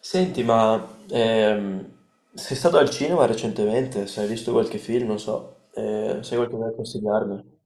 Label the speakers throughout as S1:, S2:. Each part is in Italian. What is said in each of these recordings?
S1: Senti, ma sei stato al cinema recentemente? Se hai visto qualche film, non so, sai qualcosa da consigliarmi?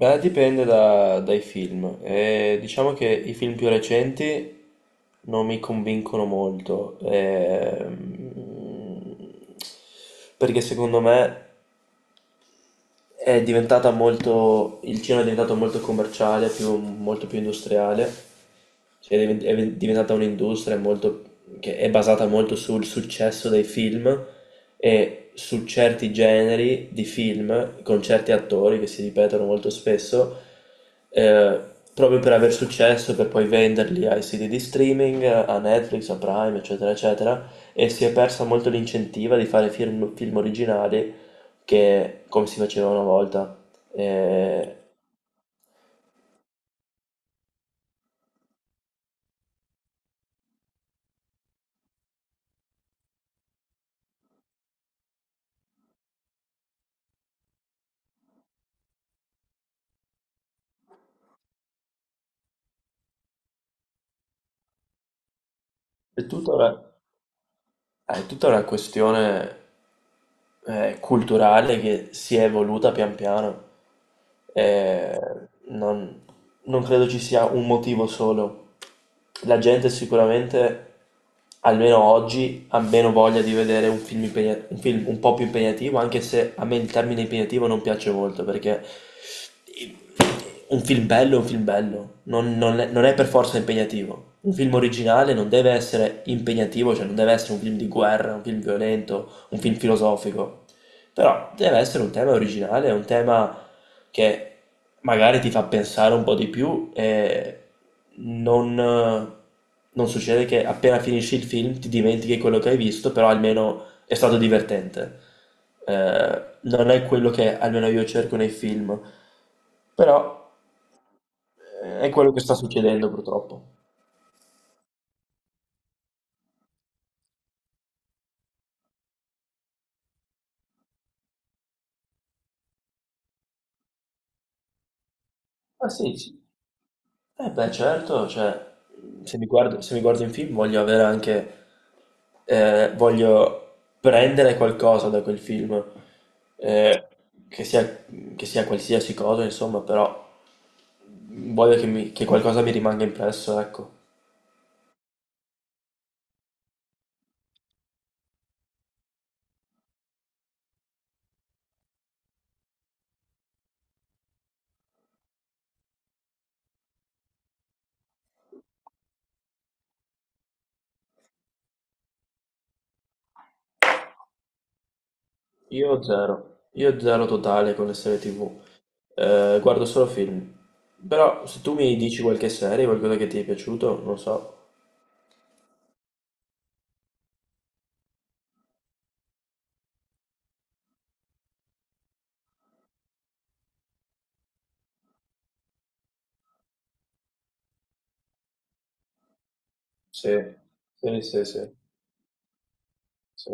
S1: Beh, dipende dai film. Diciamo che i film più recenti non mi convincono molto, perché secondo me è diventata molto, il cinema è diventato molto commerciale, molto più industriale. Cioè, è è diventata un'industria molto, che è basata molto sul successo dei film e su certi generi di film con certi attori che si ripetono molto spesso, eh, proprio per aver successo, per poi venderli ai siti di streaming, a Netflix, a Prime, eccetera, eccetera, e si è persa molto l'incentiva di fare film, film originali che come si faceva una volta. Eh, è tutta una, è tutta una questione, culturale che si è evoluta pian piano. Eh, non, non credo ci sia un motivo solo. La gente sicuramente, almeno oggi, ha meno voglia di vedere un film, un film un po' più impegnativo, anche se a me il termine impegnativo non piace molto perché un film bello è un film bello, non è, non è per forza impegnativo. Un film originale non deve essere impegnativo, cioè non deve essere un film di guerra, un film violento, un film filosofico. Però deve essere un tema originale, un tema che magari ti fa pensare un po' di più e non, non succede che appena finisci il film ti dimentichi quello che hai visto, però almeno è stato divertente. Non è quello che almeno io cerco nei film, però è quello che sta succedendo purtroppo. Ma sì, sì. Eh beh, certo, cioè, se mi guardo in film voglio avere anche, voglio prendere qualcosa da quel film, eh, che sia, che sia qualsiasi cosa, insomma, però voglio che, che qualcosa mi rimanga impresso, ecco. Io zero totale con le serie TV. Guardo solo film. Però se tu mi dici qualche serie, qualcosa che ti è piaciuto, non so. Sì, sì, sì, sì, sì.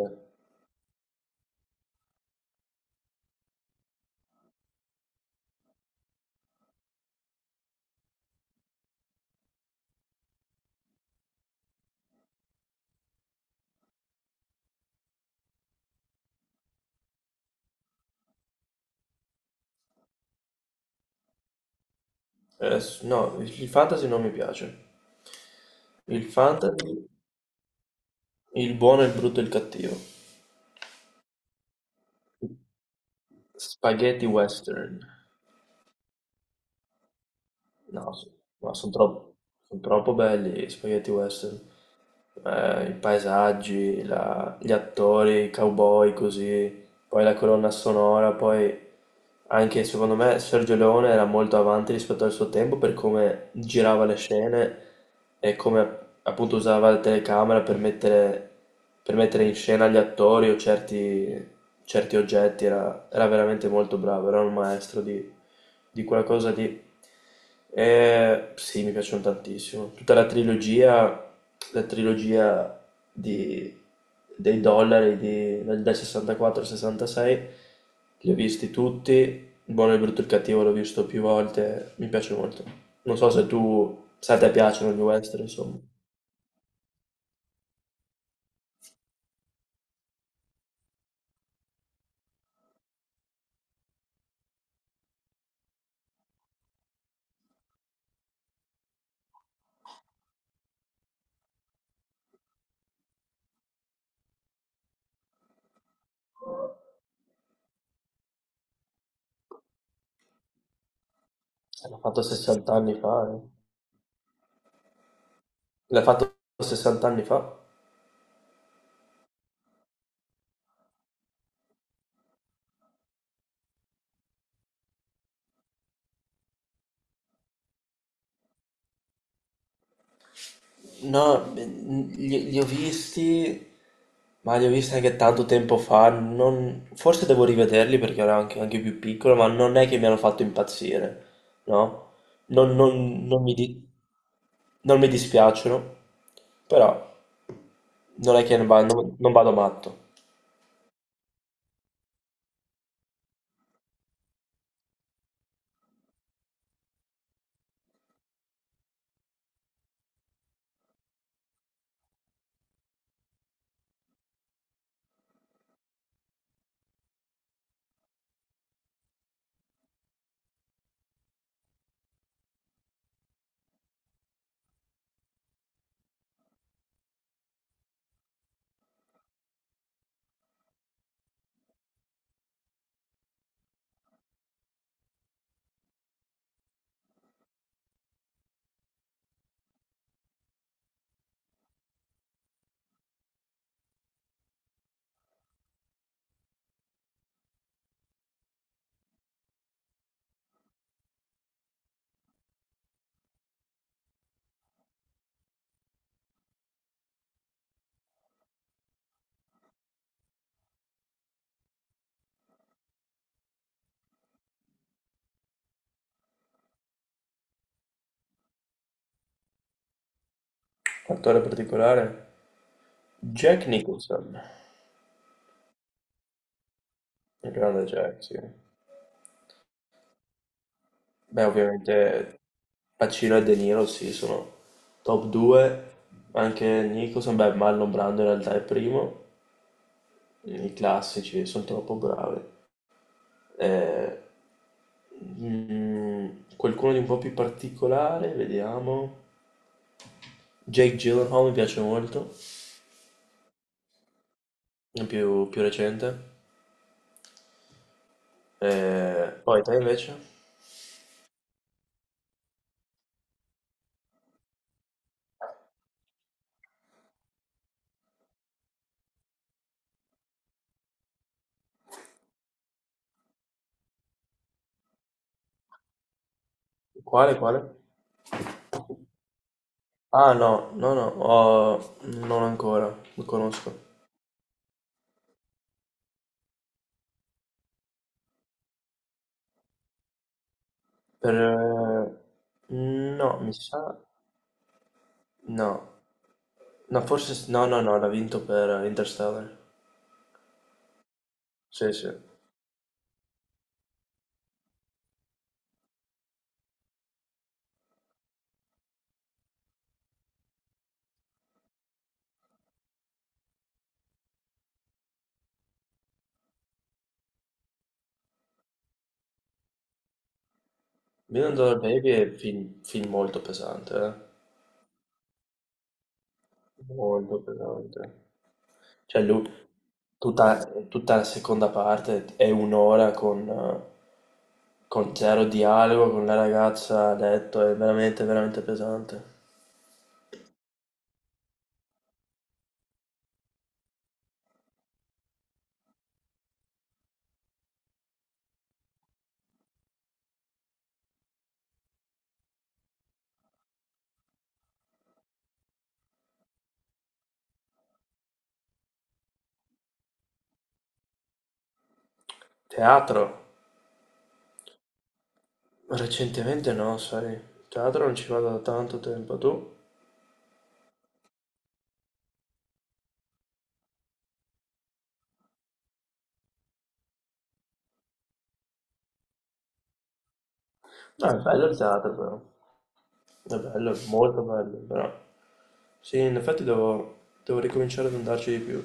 S1: No, il fantasy non mi piace. Il fantasy, il buono, il brutto e il cattivo. Spaghetti western. No, s- no, sono troppo, son troppo belli gli spaghetti western. Eh, i paesaggi, gli attori, i cowboy così, poi la colonna sonora, poi anche secondo me Sergio Leone era molto avanti rispetto al suo tempo per come girava le scene e come appunto usava la telecamera per mettere in scena gli attori o certi oggetti, era veramente molto bravo, era un maestro di quella cosa lì. Sì, mi piacciono tantissimo. La trilogia di- dei dollari dal 64 al 66, li ho visti tutti. Il buono, il brutto e il cattivo l'ho visto più volte. Mi piace molto. Non so se tu, se a te piacciono gli western, insomma. L'ha fatto 60 anni fa, eh. L'ha fatto 60 anni fa. No, beh, li ho visti, ma li ho visti anche tanto tempo fa. Forse devo rivederli perché ero anche, anche più piccolo, ma non è che mi hanno fatto impazzire, no? Non, non- non mi, di- non mi dispiacciono, però non è che non vado matto. Attore particolare? Jack Nicholson, il grande Jack, sì. Beh, ovviamente Pacino e De Niro sì, sono top 2, anche Nicholson, beh Marlon Brando in realtà è primo, i classici sono troppo bravi. Eh, mm, qualcuno di un po' più particolare, vediamo. Jake Gyllenhaal mi piace molto, è più, più recente. Poi te invece? Quale, quale? Ah no, no, no, non ancora, lo conosco. Per... no, mi sa... no, no, forse... no, no, no, l'ha vinto per Interstellar. Sì, sì. Million Dollar Baby è un film, film molto pesante, eh. Molto pesante. Cioè, lui, tutta la seconda parte è un'ora con zero dialogo, con la ragazza a letto, è veramente pesante. Teatro? Recentemente no, sai. Teatro non ci vado da tanto tempo, tu? No, è bello il teatro, però. È bello, molto bello, però sì, in effetti devo, devo ricominciare ad andarci di più.